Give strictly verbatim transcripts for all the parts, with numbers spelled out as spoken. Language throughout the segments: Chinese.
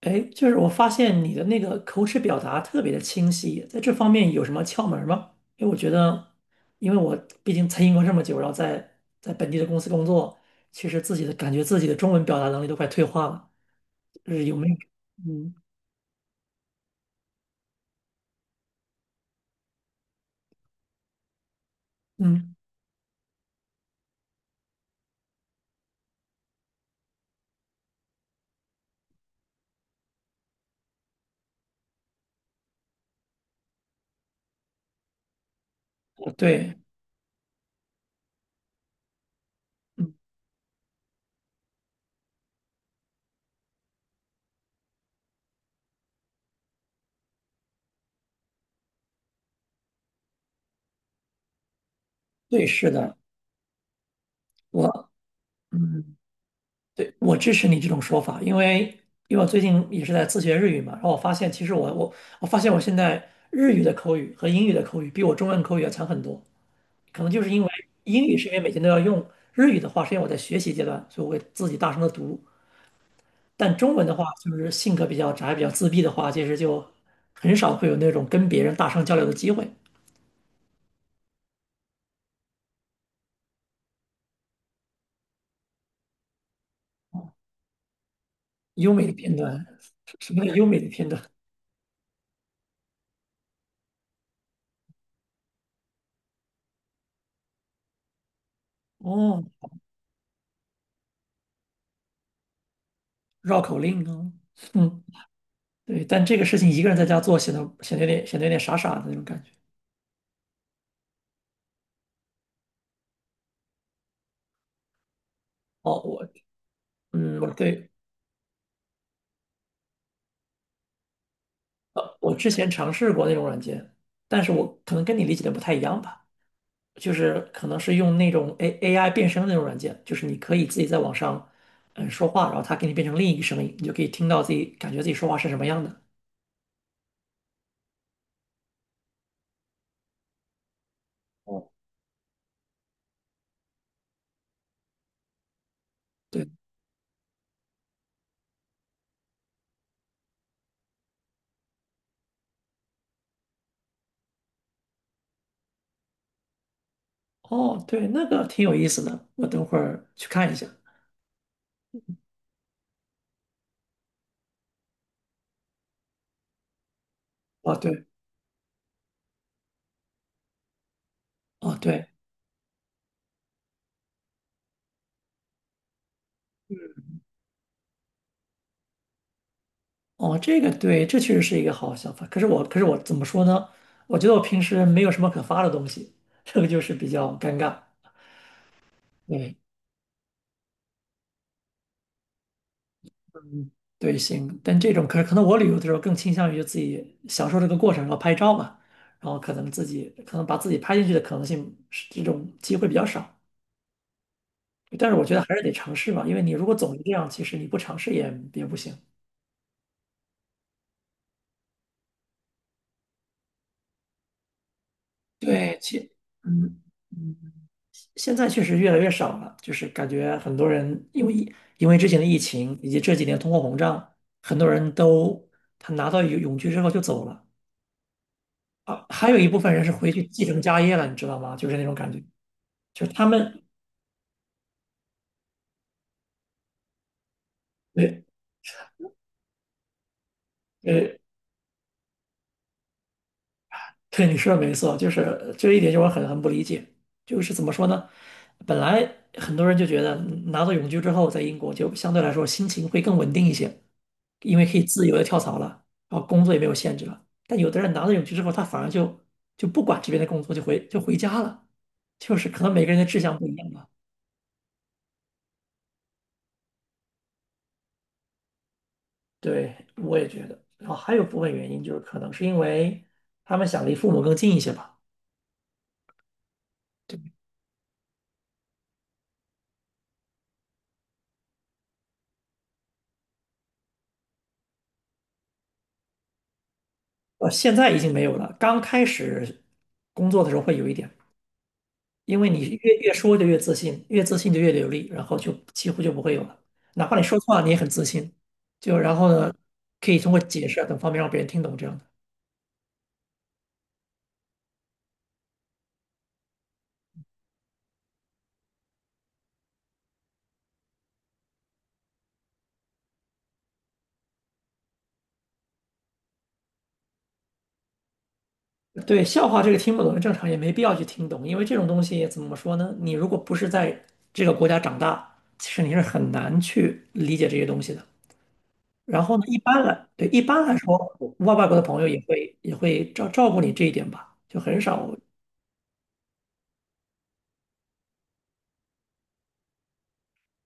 哎，就是我发现你的那个口齿表达特别的清晰，在这方面有什么窍门儿吗？因为我觉得，因为我毕竟在英国这么久，然后在在本地的公司工作，其实自己的感觉自己的中文表达能力都快退化了，就是有没有？嗯嗯，对，嗯对，是的，我嗯对，我支持你这种说法，因为因为我最近也是在自学日语嘛，然后我发现其实我我我发现我现在日语的口语和英语的口语比我中文口语要强很多。可能就是因为英语是因为每天都要用，日语的话是因为我在学习阶段，所以我会自己大声的读。但中文的话，就是性格比较宅、比较自闭的话，其实就很少会有那种跟别人大声交流的机会。优美的片段，什么叫优美的片段？哦，绕口令啊，嗯，对。但这个事情一个人在家做，显得显得有点显得有点傻傻的那种感觉。哦，我，嗯，我对，呃，我之前尝试过那种软件，但是我可能跟你理解的不太一样吧。就是可能是用那种 A AI 变声的那种软件，就是你可以自己在网上嗯说话，然后它给你变成另一个声音，你就可以听到自己感觉自己说话是什么样的。对，哦，对，那个挺有意思的，我等会儿去看一下。哦，对，哦，对，哦，这个对，这确实是一个好想法。可是我，可是我怎么说呢？我觉得我平时没有什么可发的东西，这个就是比较尴尬。对，嗯，对，行，但这种可可能我旅游的时候更倾向于就自己享受这个过程，然后拍照嘛，然后可能自己可能把自己拍进去的可能性是这种机会比较少，但是我觉得还是得尝试吧，因为你如果总是这样，其实你不尝试也也不行。对，其嗯嗯，现在确实越来越少了，就是感觉很多人因为疫因为之前的疫情以及这几年通货膨胀，很多人都他拿到永永居之后就走了。啊，还有一部分人是回去继承家业了，你知道吗？就是那种感觉。就是他们，呃呃，对，你说的没错，就是这一点就我很很不理解，就是怎么说呢？本来很多人就觉得拿到永居之后，在英国就相对来说心情会更稳定一些，因为可以自由的跳槽了，然后工作也没有限制了。但有的人拿到永居之后，他反而就就不管这边的工作，就回就回家了，就是可能每个人的志向不一样吧。对，我也觉得。然后还有部分原因就是可能是因为他们想离父母更近一些吧。呃，现在已经没有了。刚开始工作的时候会有一点，因为你越越说就越自信，越自信就越流利，然后就几乎就不会有了。哪怕你说错了，你也很自信。就然后呢，可以通过解释啊等方面让别人听懂这样的。对，笑话这个听不懂是正常，也没必要去听懂，因为这种东西怎么说呢？你如果不是在这个国家长大，其实你是很难去理解这些东西的。然后呢，一般来，对，一般来说，外外国的朋友也会也会照照顾你这一点吧，就很少。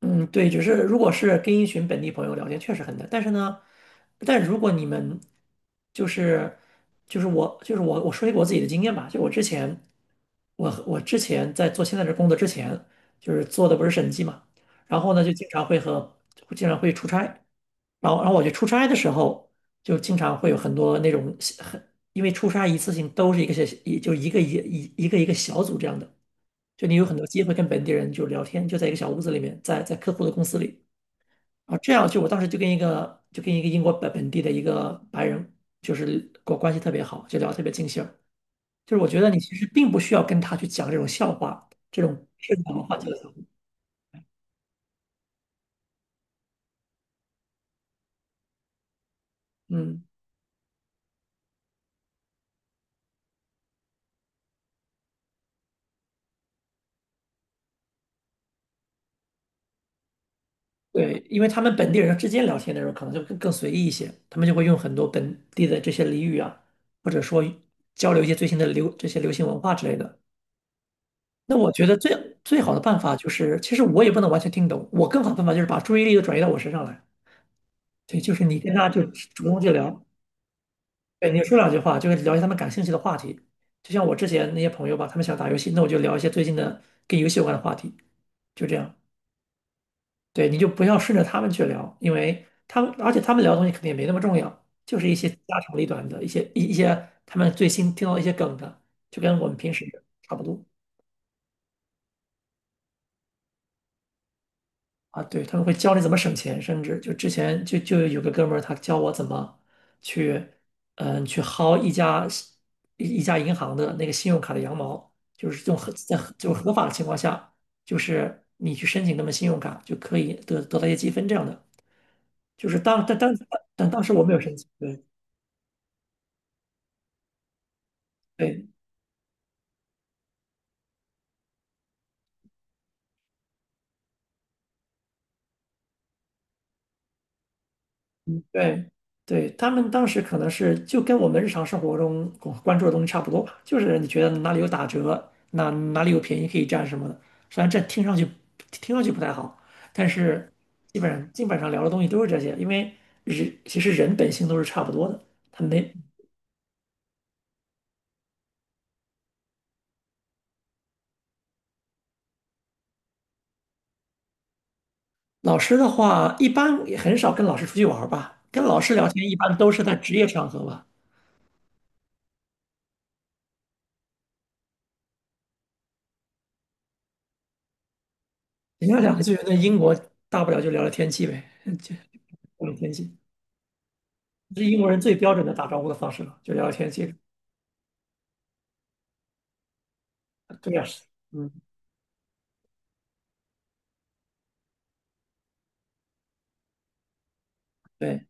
嗯，对，就是如果是跟一群本地朋友聊天，确实很难。但是呢，但如果你们就是就是我就是我我说一个我自己的经验吧，就我之前我我之前在做现在这工作之前，就是做的不是审计嘛，然后呢就经常会和经常会出差，然后然后我去出差的时候，就经常会有很多那种很因为出差一次性都是一个小一就一个一一一个一个小组这样的。就你有很多机会跟本地人就聊天，就在一个小屋子里面，在在客户的公司里。啊，这样就我当时就跟一个就跟一个英国本本地的一个白人，就是跟我关系特别好，就聊得特别尽兴儿。就是我觉得你其实并不需要跟他去讲这种笑话，这种社交文化交流。嗯，对，因为他们本地人之间聊天的时候可能就更更随意一些，他们就会用很多本地的这些俚语啊，或者说交流一些最新的流这些流行文化之类的。那我觉得最最好的办法就是，其实我也不能完全听懂，我更好的办法就是把注意力都转移到我身上来。对，就是你跟他就主动去聊，对，你说两句话，就是聊一些他们感兴趣的话题。就像我之前那些朋友吧，他们想打游戏，那我就聊一些最近的跟游戏有关的话题，就这样。对，你就不要顺着他们去聊，因为他们，而且他们聊的东西肯定也没那么重要，就是一些家长里短的一些一一些他们最新听到的一些梗的，就跟我们平时差不多。啊，对，他们会教你怎么省钱，甚至就之前就就有个哥们儿，他教我怎么去，嗯，去薅一家一一家银行的那个信用卡的羊毛，就是用合在合就是合法的情况下，就是你去申请他们信用卡就可以得得到一些积分这样的。就是当但当但当时我没有申请，对对，对，对，他们当时可能是就跟我们日常生活中关注的东西差不多吧，就是你觉得哪里有打折，哪哪里有便宜可以占什么的。虽然这听上去听上去不太好，但是基本上基本上聊的东西都是这些，因为人其实人本性都是差不多的。他没老师的话，一般也很少跟老师出去玩儿吧，跟老师聊天一般都是在职业场合吧。人家两个就觉得英国大不了就聊聊天气呗，就聊聊天气。这是英国人最标准的打招呼的方式了，就聊聊天记，对呀，嗯，对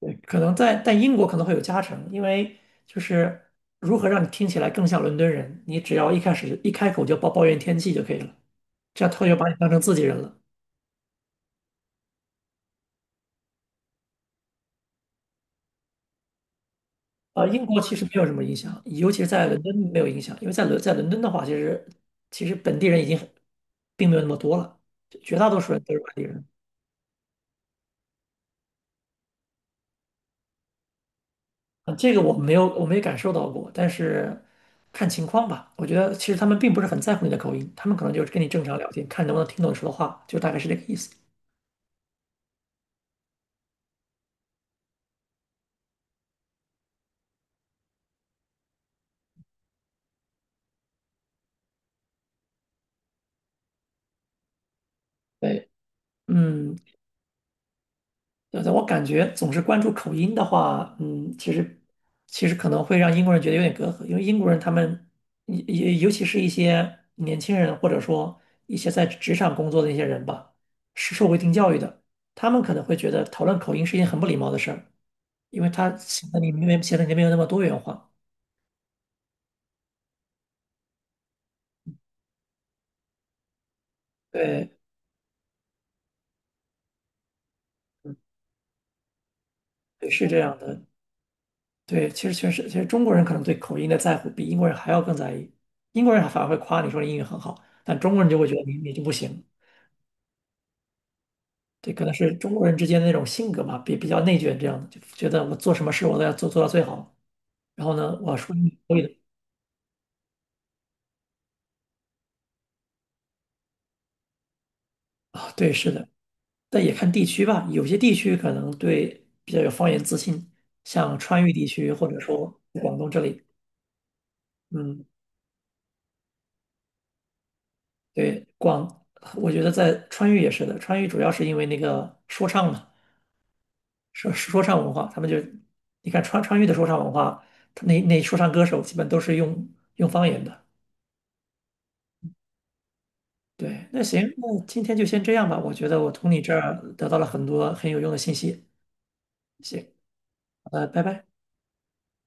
对，可能在但英国可能会有加成，因为就是如何让你听起来更像伦敦人，你只要一开始一开口就抱抱怨天气就可以了，这样他就把你当成自己人了。啊、英国其实没有什么影响，尤其是在伦敦没有影响，因为在伦在伦敦的话，其实其实本地人已经很并没有那么多了，绝大多数人都是外地人。呃这个我没有，我没有感受到过，但是看情况吧。我觉得其实他们并不是很在乎你的口音，他们可能就是跟你正常聊天，看能不能听懂你说的话，就大概是这个意思。对，嗯，对的，我感觉总是关注口音的话，嗯，其实其实可能会让英国人觉得有点隔阂，因为英国人他们也也尤其是一些年轻人，或者说一些在职场工作的一些人吧，是受过一定教育的，他们可能会觉得讨论口音是一件很不礼貌的事儿。因为他显得你没显得你没有那么多元化。对，嗯，对，是这样的。对，其实确实，其实中国人可能对口音的在乎比英国人还要更在意。英国人还反而会夸你说你英语很好，但中国人就会觉得你你就不行。对，可能是中国人之间的那种性格嘛，比比较内卷这样的，就觉得我做什么事我都要做做到最好。然后呢，我要说英语可以的啊，对，是的，但也看地区吧，有些地区可能对比较有方言自信，像川渝地区或者说广东这里，嗯。对，广，我觉得在川渝也是的，川渝主要是因为那个说唱嘛，说说唱文化，他们就，你看川川渝的说唱文化，他那那说唱歌手基本都是用用方言的。对，那行，那今天就先这样吧，我觉得我从你这儿得到了很多很有用的信息。行，呃，拜拜。